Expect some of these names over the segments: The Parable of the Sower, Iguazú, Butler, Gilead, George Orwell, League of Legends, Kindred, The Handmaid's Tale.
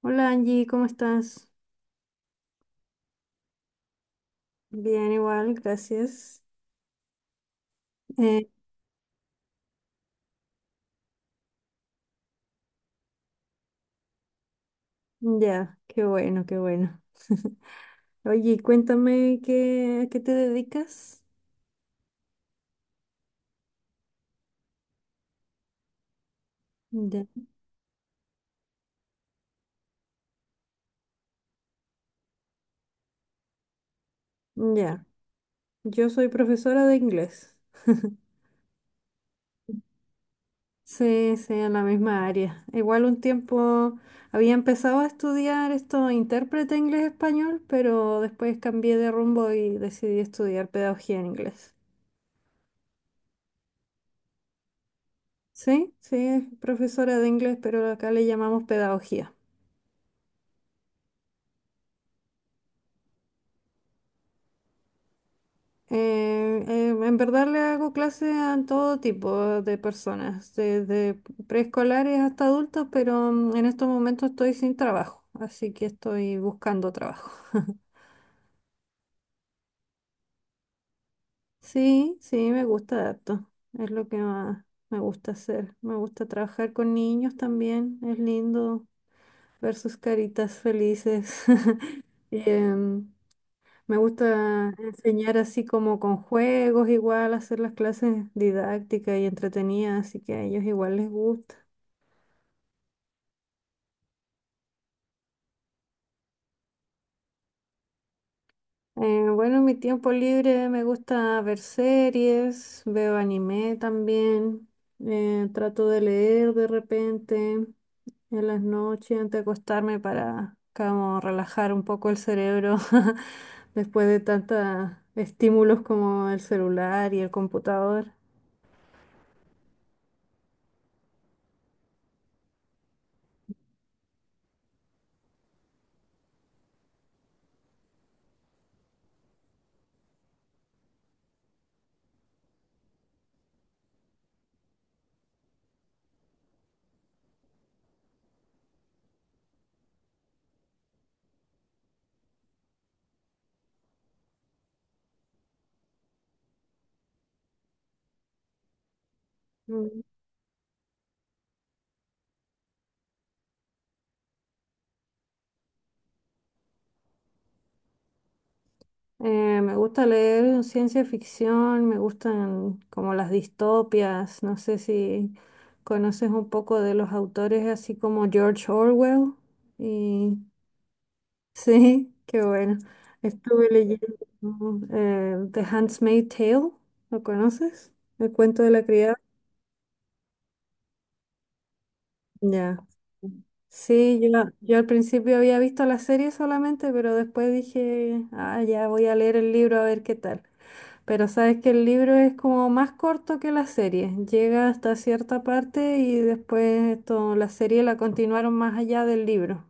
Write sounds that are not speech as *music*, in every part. Hola Angie, ¿cómo estás? Bien, igual, gracias. Eh, ya, qué bueno, qué bueno. *laughs* Oye, cuéntame a qué te dedicas. Ya, ya. Yo soy profesora de inglés. Sí, sí, en la misma área. Igual un tiempo había empezado a estudiar esto, intérprete inglés-español, pero después cambié de rumbo y decidí estudiar pedagogía en inglés. Sí, sí, es profesora de inglés, pero acá le llamamos pedagogía. En verdad le hago clases a todo tipo de personas, desde preescolares hasta adultos, pero en estos momentos estoy sin trabajo, así que estoy buscando trabajo. *laughs* Sí, sí, me gusta harto, es lo que más me gusta hacer. Me gusta trabajar con niños también, es lindo ver sus caritas felices. *laughs* Y, Em, Me gusta enseñar así como con juegos, igual hacer las clases didácticas y entretenidas, así que a ellos igual les gusta. Bueno, en mi tiempo libre me gusta ver series, veo anime también, trato de leer de repente en las noches antes de acostarme para como relajar un poco el cerebro *laughs* después de tantos estímulos como el celular y el computador. Mm. Me gusta leer ciencia ficción, me gustan como las distopias, no sé si conoces un poco de los autores así como George Orwell. Y *laughs* sí, qué bueno. Estuve leyendo The Handmaid's Tale, ¿lo conoces? El cuento de la criada. Ya. Sí, yo, yo al principio había visto la serie solamente, pero después dije, ah, ya voy a leer el libro a ver qué tal. Pero sabes que el libro es como más corto que la serie, llega hasta cierta parte y después esto, la serie la continuaron más allá del libro.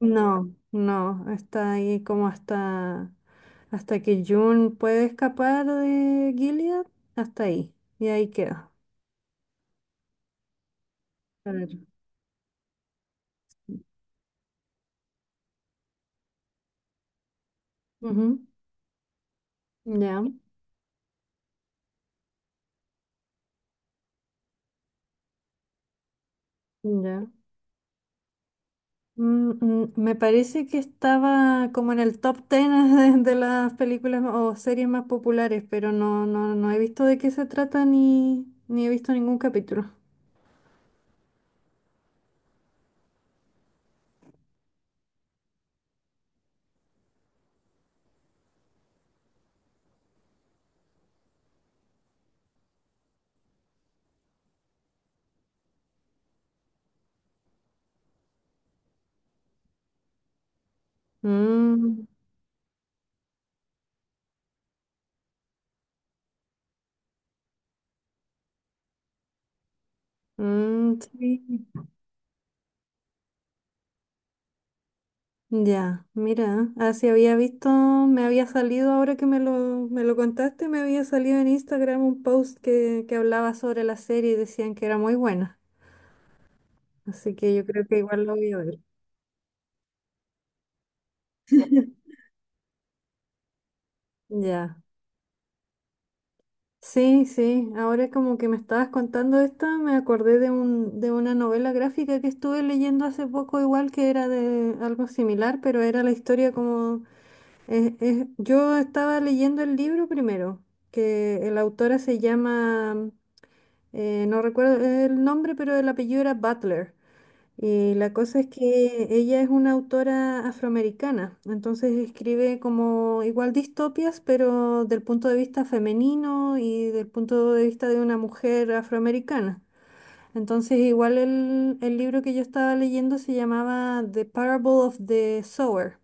No, no, está ahí como hasta, hasta que June puede escapar de Gilead, hasta ahí, y ahí queda. Claro. Ujú, ya, ya. Mm, mm, me parece que estaba como en el top 10 *laughs* de las películas o series más populares, pero no, no, no he visto de qué se trata ni he visto ningún capítulo. Mm, mm, sí. Ya, mira, así había visto, me había salido, ahora que me lo contaste, me había salido en Instagram un post que hablaba sobre la serie y decían que era muy buena. Así que yo creo que igual lo voy a ver. Ya. Sí, sí, ahora como que me estabas contando esto, me acordé de de una novela gráfica que estuve leyendo hace poco, igual que era de algo similar, pero era la historia como... yo estaba leyendo el libro primero, que la autora se llama, no recuerdo el nombre, pero el apellido era Butler. La cosa es que ella es una autora afroamericana, entonces escribe como igual distopias, pero del punto de vista femenino y del punto de vista de una mujer afroamericana. Entonces igual el libro que yo estaba leyendo se llamaba The Parable of the Sower.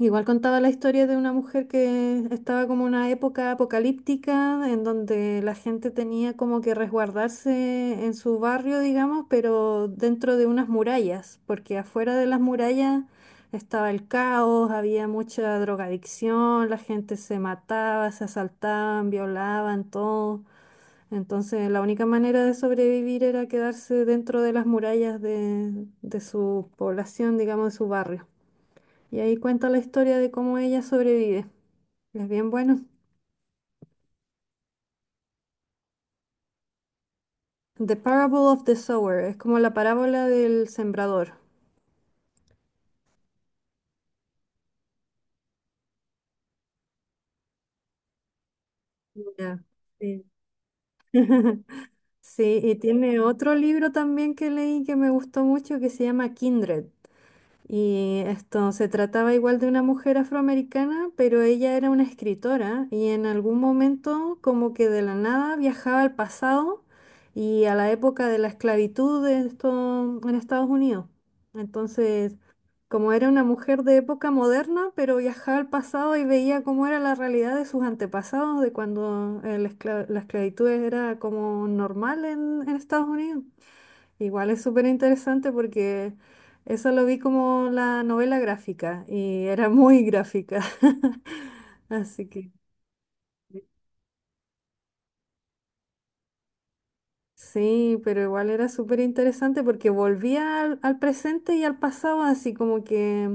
Igual contaba la historia de una mujer que estaba como en una época apocalíptica en donde la gente tenía como que resguardarse en su barrio, digamos, pero dentro de unas murallas, porque afuera de las murallas estaba el caos, había mucha drogadicción, la gente se mataba, se asaltaban, violaban, todo. Entonces la única manera de sobrevivir era quedarse dentro de las murallas de su población, digamos, de su barrio. Y ahí cuenta la historia de cómo ella sobrevive. Es bien bueno. The Parable of the Sower, es como la parábola del sembrador. Ya, sí. *laughs* Sí, y tiene otro libro también que leí que me gustó mucho que se llama Kindred. Y esto se trataba igual de una mujer afroamericana, pero ella era una escritora y en algún momento como que de la nada viajaba al pasado y a la época de la esclavitud de esto en Estados Unidos. Entonces, como era una mujer de época moderna, pero viajaba al pasado y veía cómo era la realidad de sus antepasados, de cuando la esclavitud era como normal en Estados Unidos. Igual es súper interesante porque eso lo vi como la novela gráfica y era muy gráfica. *laughs* Así que sí, pero igual era súper interesante porque volvía al presente y al pasado, así como que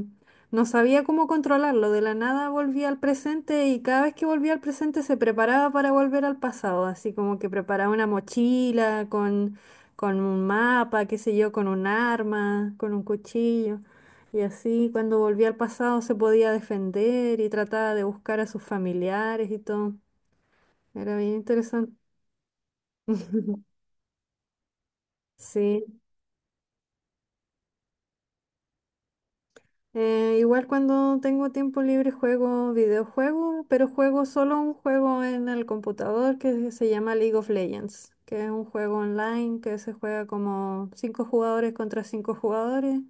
no sabía cómo controlarlo. De la nada volvía al presente y cada vez que volvía al presente se preparaba para volver al pasado, así como que preparaba una mochila con un mapa, qué sé yo, con un arma, con un cuchillo. Y así cuando volvía al pasado se podía defender y trataba de buscar a sus familiares y todo. Era bien interesante. *laughs* Sí. Igual cuando tengo tiempo libre juego videojuegos, pero juego solo un juego en el computador que se llama League of Legends, que es un juego online que se juega como cinco jugadores contra cinco jugadores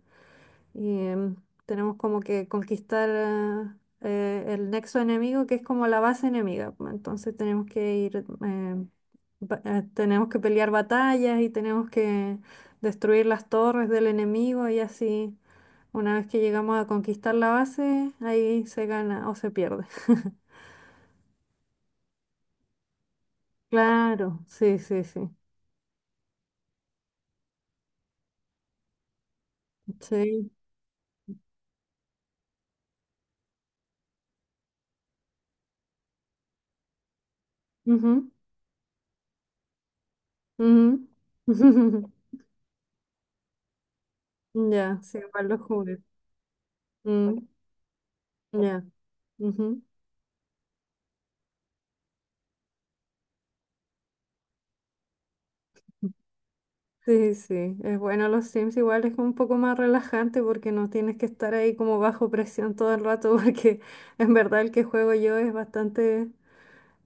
y tenemos como que conquistar el nexo enemigo que es como la base enemiga. Pues, entonces tenemos que ir, eh, tenemos que pelear batallas y tenemos que destruir las torres del enemigo y así. Una vez que llegamos a conquistar la base, ahí se gana o se pierde. *laughs* Claro, sí, sí, sí. Sí. Ujú, ujú. *laughs* Ya, sí, igual los jugué. Mm, ya. Ujú. Sí, sí. Es bueno los Sims, igual es un poco más relajante porque no tienes que estar ahí como bajo presión todo el rato, *laughs* porque en verdad el que juego yo es bastante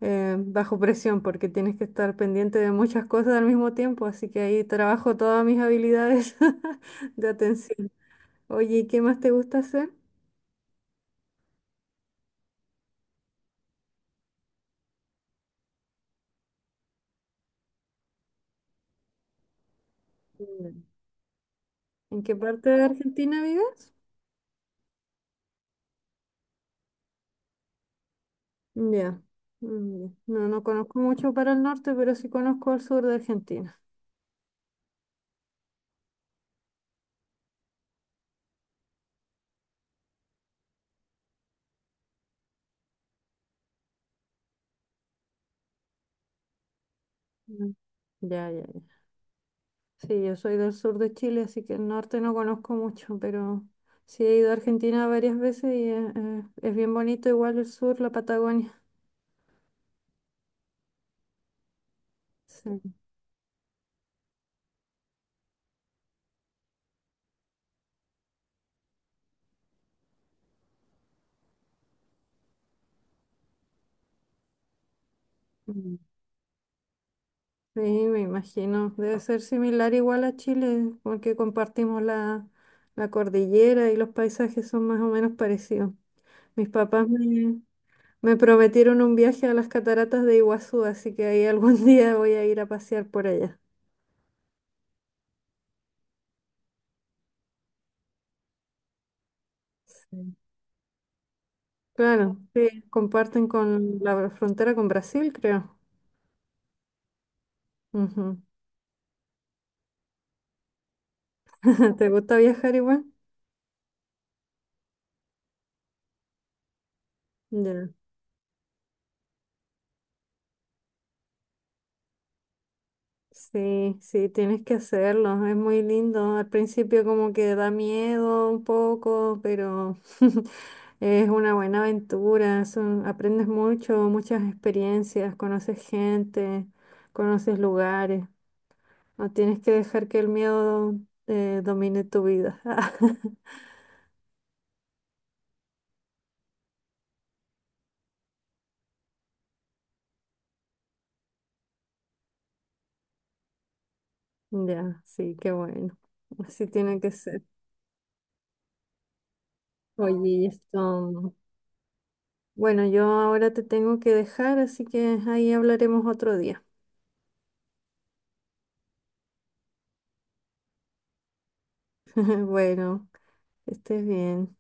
bajo presión porque tienes que estar pendiente de muchas cosas al mismo tiempo, así que ahí trabajo todas mis habilidades *laughs* de atención. Oye, ¿y qué más te gusta hacer? Mm. ¿En qué parte de Argentina vives? Ya, mm, ya. No, no conozco mucho para el norte, pero sí conozco el sur de Argentina. Mm. Ya, ya, ya. Sí, yo soy del sur de Chile, así que el norte no conozco mucho, pero sí he ido a Argentina varias veces y es bien bonito igual el sur, la Patagonia. Sí. Sí, me imagino. Debe ser similar igual a Chile, porque compartimos la cordillera y los paisajes son más o menos parecidos. Mis papás me, me prometieron un viaje a las cataratas de Iguazú, así que ahí algún *laughs* día voy a ir a pasear por allá. Sí. Claro, sí, comparten con la frontera con Brasil, creo. Ujú. *laughs* ¿Te gusta viajar igual? Ya. Sí, sí, tienes que hacerlo, es muy lindo. Al principio como que da miedo un poco, pero *laughs* es una buena aventura, son- aprendes mucho, muchas experiencias, conoces gente, conoces lugares. No tienes que dejar que el miedo domine tu vida. *laughs* Ya, sí, qué bueno. Así tiene que ser. Oye, esto. Bueno, yo ahora te tengo que dejar, así que ahí hablaremos otro día. *laughs* Bueno. Que estés bien.